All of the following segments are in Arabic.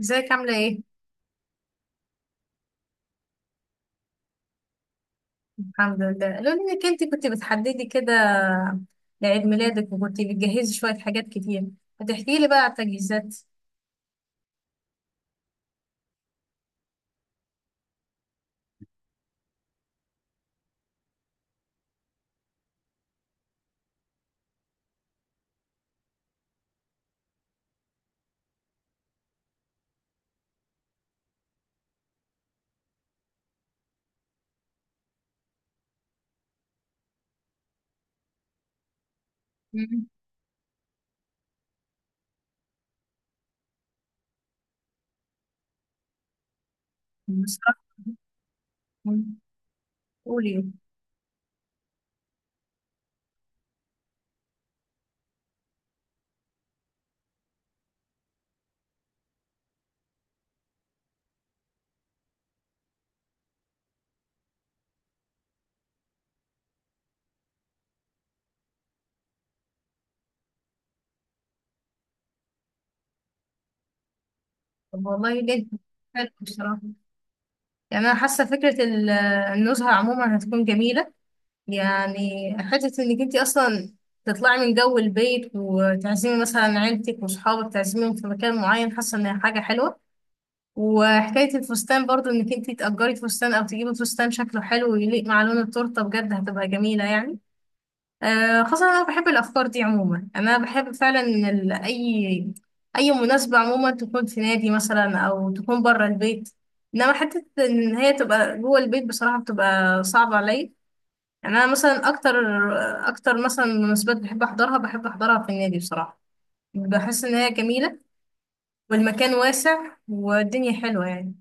ازيك عاملة ايه؟ الحمد لله، لو انك انت كنت بتحددي كده لعيد ميلادك وكنت بتجهزي شوية حاجات كتير، هتحكي لي بقى على التجهيزات؟ مم. بصراحة. مم. قولي. طب والله ليه؟ حلو بصراحة. يعني أنا حاسة فكرة النزهة عموما هتكون جميلة، يعني حتة إنك انت أصلا تطلعي من جو البيت وتعزمي مثلا عيلتك وصحابك، تعزميهم في مكان معين، حاسة إنها حاجة حلوة. وحكاية الفستان برضو، انك انتي تأجري فستان او تجيبي فستان شكله حلو ويليق مع لون التورتة، بجد هتبقى جميلة يعني. آه، خاصة انا بحب الافكار دي عموما، انا بحب فعلا إن اي مناسبة عموما تكون في نادي مثلا او تكون بره البيت، انما حتة ان هي تبقى جوه البيت بصراحة بتبقى صعبة عليا. يعني انا مثلا اكتر مثلا مناسبات بحب احضرها في النادي بصراحة، بحس ان هي جميلة والمكان واسع والدنيا حلوة يعني.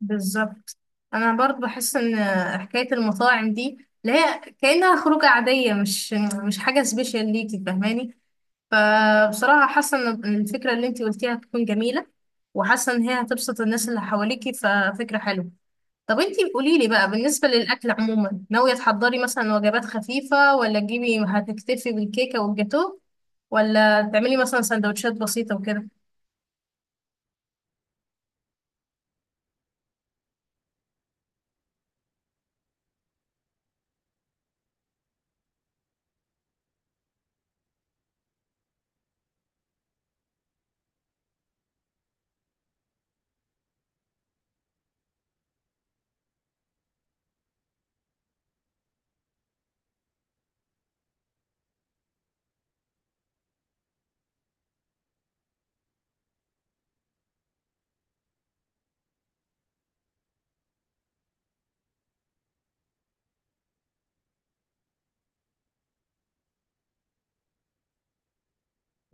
بالظبط، انا برضو بحس ان حكايه المطاعم دي اللي هي كانها خروجه عاديه، مش حاجه سبيشال ليكي، فاهماني؟ فبصراحه حاسه ان الفكره اللي انتي قلتيها هتكون جميله، وحاسه ان هي هتبسط الناس اللي حواليكي، ففكره حلوه. طب انتي قولي لي بقى، بالنسبه للاكل عموما ناويه تحضري مثلا وجبات خفيفه، ولا تجيبي هتكتفي بالكيكه والجاتوه، ولا تعملي مثلا سندوتشات بسيطه وكده؟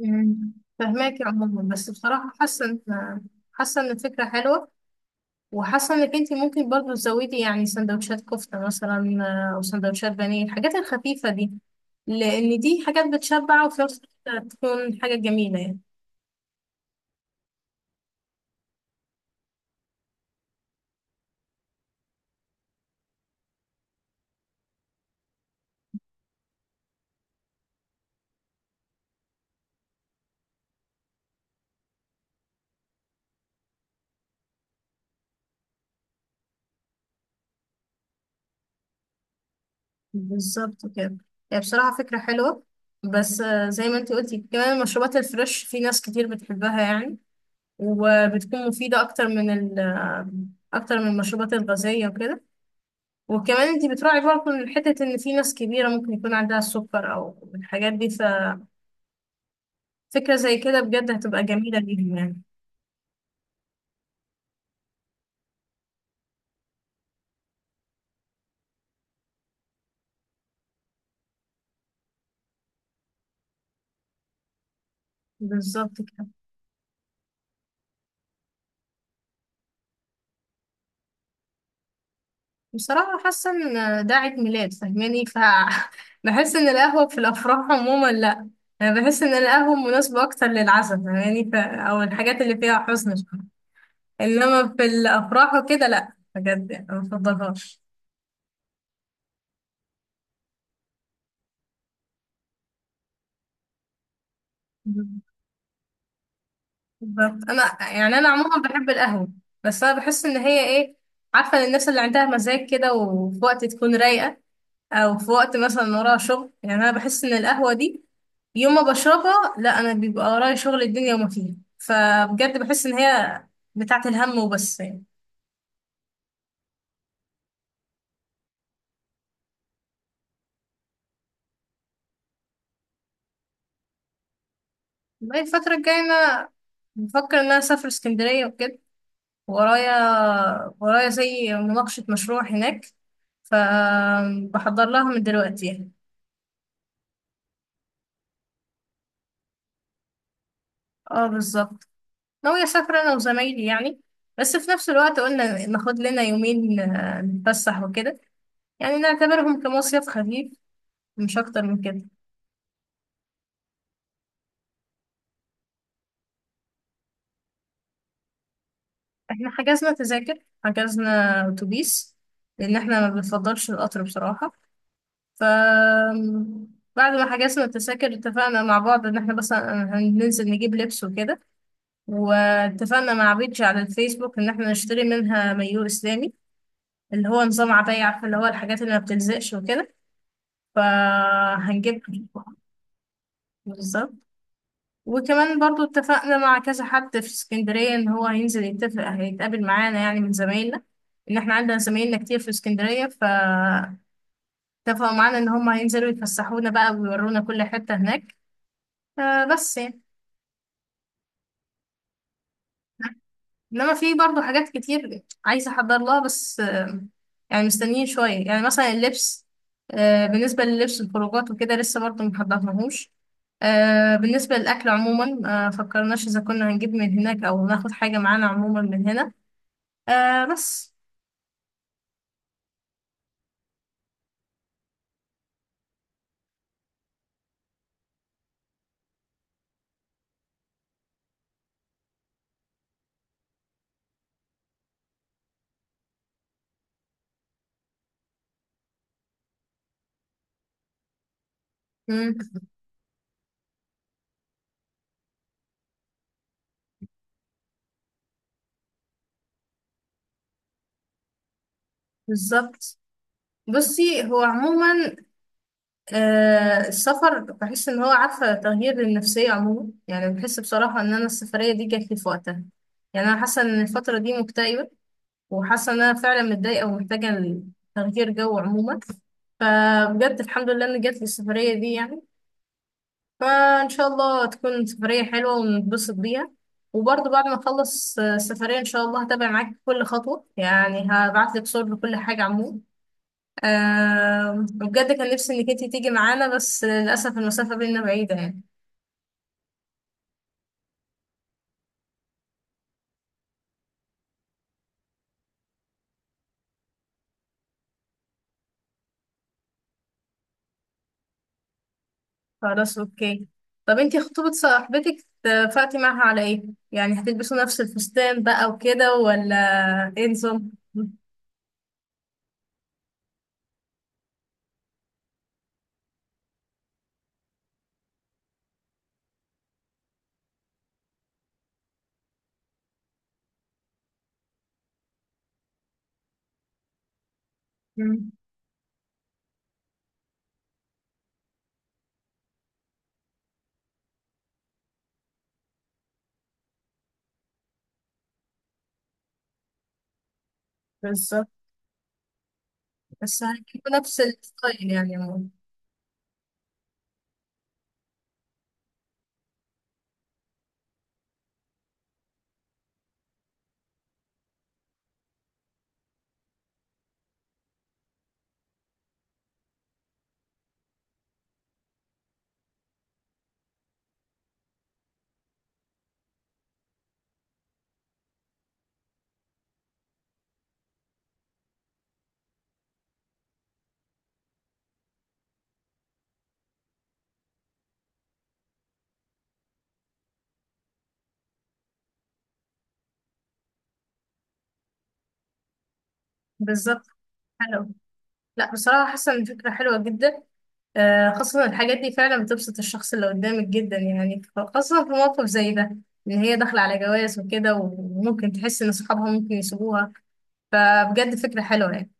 مم. فهماكي عموما، بس بصراحة حاسة إن الفكرة حلوة. وحاسة إنك أنت ممكن برضو تزودي يعني سندوتشات كفتة مثلا، أو سندوتشات بانيه، الحاجات الخفيفة دي، لأن دي حاجات بتشبع وفي نفس الوقت تكون حاجة جميلة يعني. بالظبط كده. هي بصراحة فكرة حلوة، بس زي ما أنت قلتي، كمان المشروبات الفريش في ناس كتير بتحبها يعني، وبتكون مفيدة أكتر من ال آه، أكتر من المشروبات الغازية وكده. وكمان انتي بتراعي برضه من حتة ان في ناس كبيرة ممكن يكون عندها السكر او الحاجات دي، ففكرة زي كده بجد هتبقى جميلة ليهم يعني. بالظبط كده. بصراحة حاسة ان ده عيد ميلاد، فاهماني؟ بحس ان القهوة في الافراح عموما، لا. انا بحس ان القهوة مناسبة اكتر للعزاء، فاهماني؟ او الحاجات اللي فيها حزن شوية. انما في الافراح وكده لا، بجد يعني ما بفضلهاش. بالظبط، انا يعني انا عموما بحب القهوه، بس انا بحس ان هي ايه، عارفه الناس اللي عندها مزاج كده، وفي وقت تكون رايقه او في وقت مثلا وراها شغل، يعني انا بحس ان القهوه دي يوم ما بشربها، لا، انا بيبقى ورايا شغل الدنيا وما فيها، فبجد بحس ان هي بتاعت الهم وبس يعني. بقى الفتره الجايه انا بفكر ان انا اسافر اسكندريه وكده، ورايا ورايا زي مناقشه مشروع هناك، فبحضر لها من دلوقتي يعني. اه بالظبط. ناوية أسافر أنا وزمايلي يعني، بس في نفس الوقت قلنا ناخد لنا يومين نتفسح وكده، يعني نعتبرهم كمصيف خفيف، مش أكتر من كده. احنا حجزنا تذاكر، حجزنا أتوبيس لأن احنا ما بنفضلش القطر بصراحة. ف بعد ما حجزنا التذاكر، اتفقنا مع بعض ان احنا بس هننزل نجيب لبس وكده. واتفقنا مع بيج على الفيسبوك ان احنا نشتري منها مايو اسلامي، اللي هو نظام عباية، عارفة، اللي هو الحاجات اللي ما بتلزقش وكده، فهنجيبها. بالظبط. وكمان برضو اتفقنا مع كذا حد في اسكندرية ان هو هينزل يتفق، هيتقابل معانا يعني، من زمايلنا، ان احنا عندنا زمايلنا كتير في اسكندرية، فاتفقوا معانا ان هم هينزلوا يتفسحونا بقى ويورونا كل حتة هناك، بس يعني. انما في برضه حاجات كتير عايزه احضر لها، بس يعني مستنيين شويه، يعني مثلا اللبس، بالنسبه للبس الخروجات وكده لسه برضه محضرناهوش. بالنسبه للاكل عموما فكرناش اذا كنا هنجيب من هناك او ناخد حاجه معانا عموما من هنا، بس. مم. بالظبط. بصي هو عموما السفر بحس ان هو عارفه تغيير للنفسيه عموما، يعني بحس بصراحه ان انا السفريه دي جات لي في وقتها. يعني انا حاسه ان الفتره دي مكتئبه، وحاسه ان انا فعلا متضايقه ومحتاجه تغيير جو عموما، فبجد الحمد لله ان جات لي السفريه دي يعني. فان شاء الله تكون سفريه حلوه ونتبسط بيها. وبرضه بعد ما اخلص السفريه ان شاء الله هتابع معاك كل خطوه، يعني هبعت لك صور لكل حاجه عموما. وبجد كان نفسي انك انت تيجي معانا، بس للاسف المسافه بينا بعيده يعني. خلاص اوكي. طب انتي خطوبة صاحبتك، اتفقتي معاها على ايه؟ يعني هتلبسوا نفس الفستان بقى وكده، ولا ايه نظام؟ مم. بالظبط. بس هتجيبوا نفس الستايل يعني عموماً. بالظبط. حلو. لا بصراحة حاسة ان الفكرة حلوة جدا، خاصة إن الحاجات دي فعلا بتبسط الشخص اللي قدامك جدا يعني، خاصة في موقف زي ده، ان هي داخلة على جواز وكده وممكن تحس ان صحابها ممكن يسيبوها، فبجد فكرة حلوة يعني.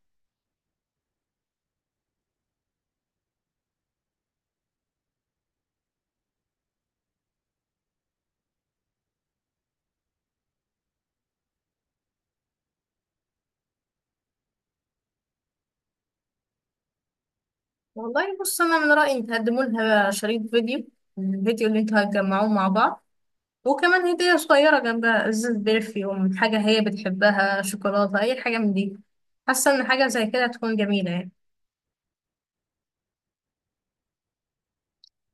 والله بص، انا من رايي إن تقدموا لها شريط فيديو، الفيديو اللي انتوا هتجمعوه مع بعض، وكمان هديه صغيره جنبها، ازاز برفيوم، حاجه هي بتحبها، شوكولاته، اي حاجه من دي، حاسه ان حاجه زي كده هتكون جميله يعني.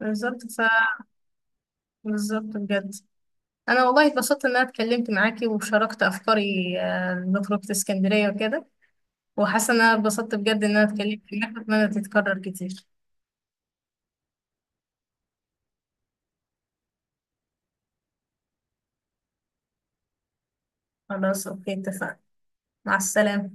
بالظبط. بالظبط بجد. انا والله اتبسطت ان انا اتكلمت معاكي وشاركت افكاري، لخروجه اسكندريه وكده، وحاسه ان انا اتبسطت بجد ان انا اتكلمت معاك، واتمنى تتكرر كتير. خلاص اوكي اتفقنا. مع السلامه.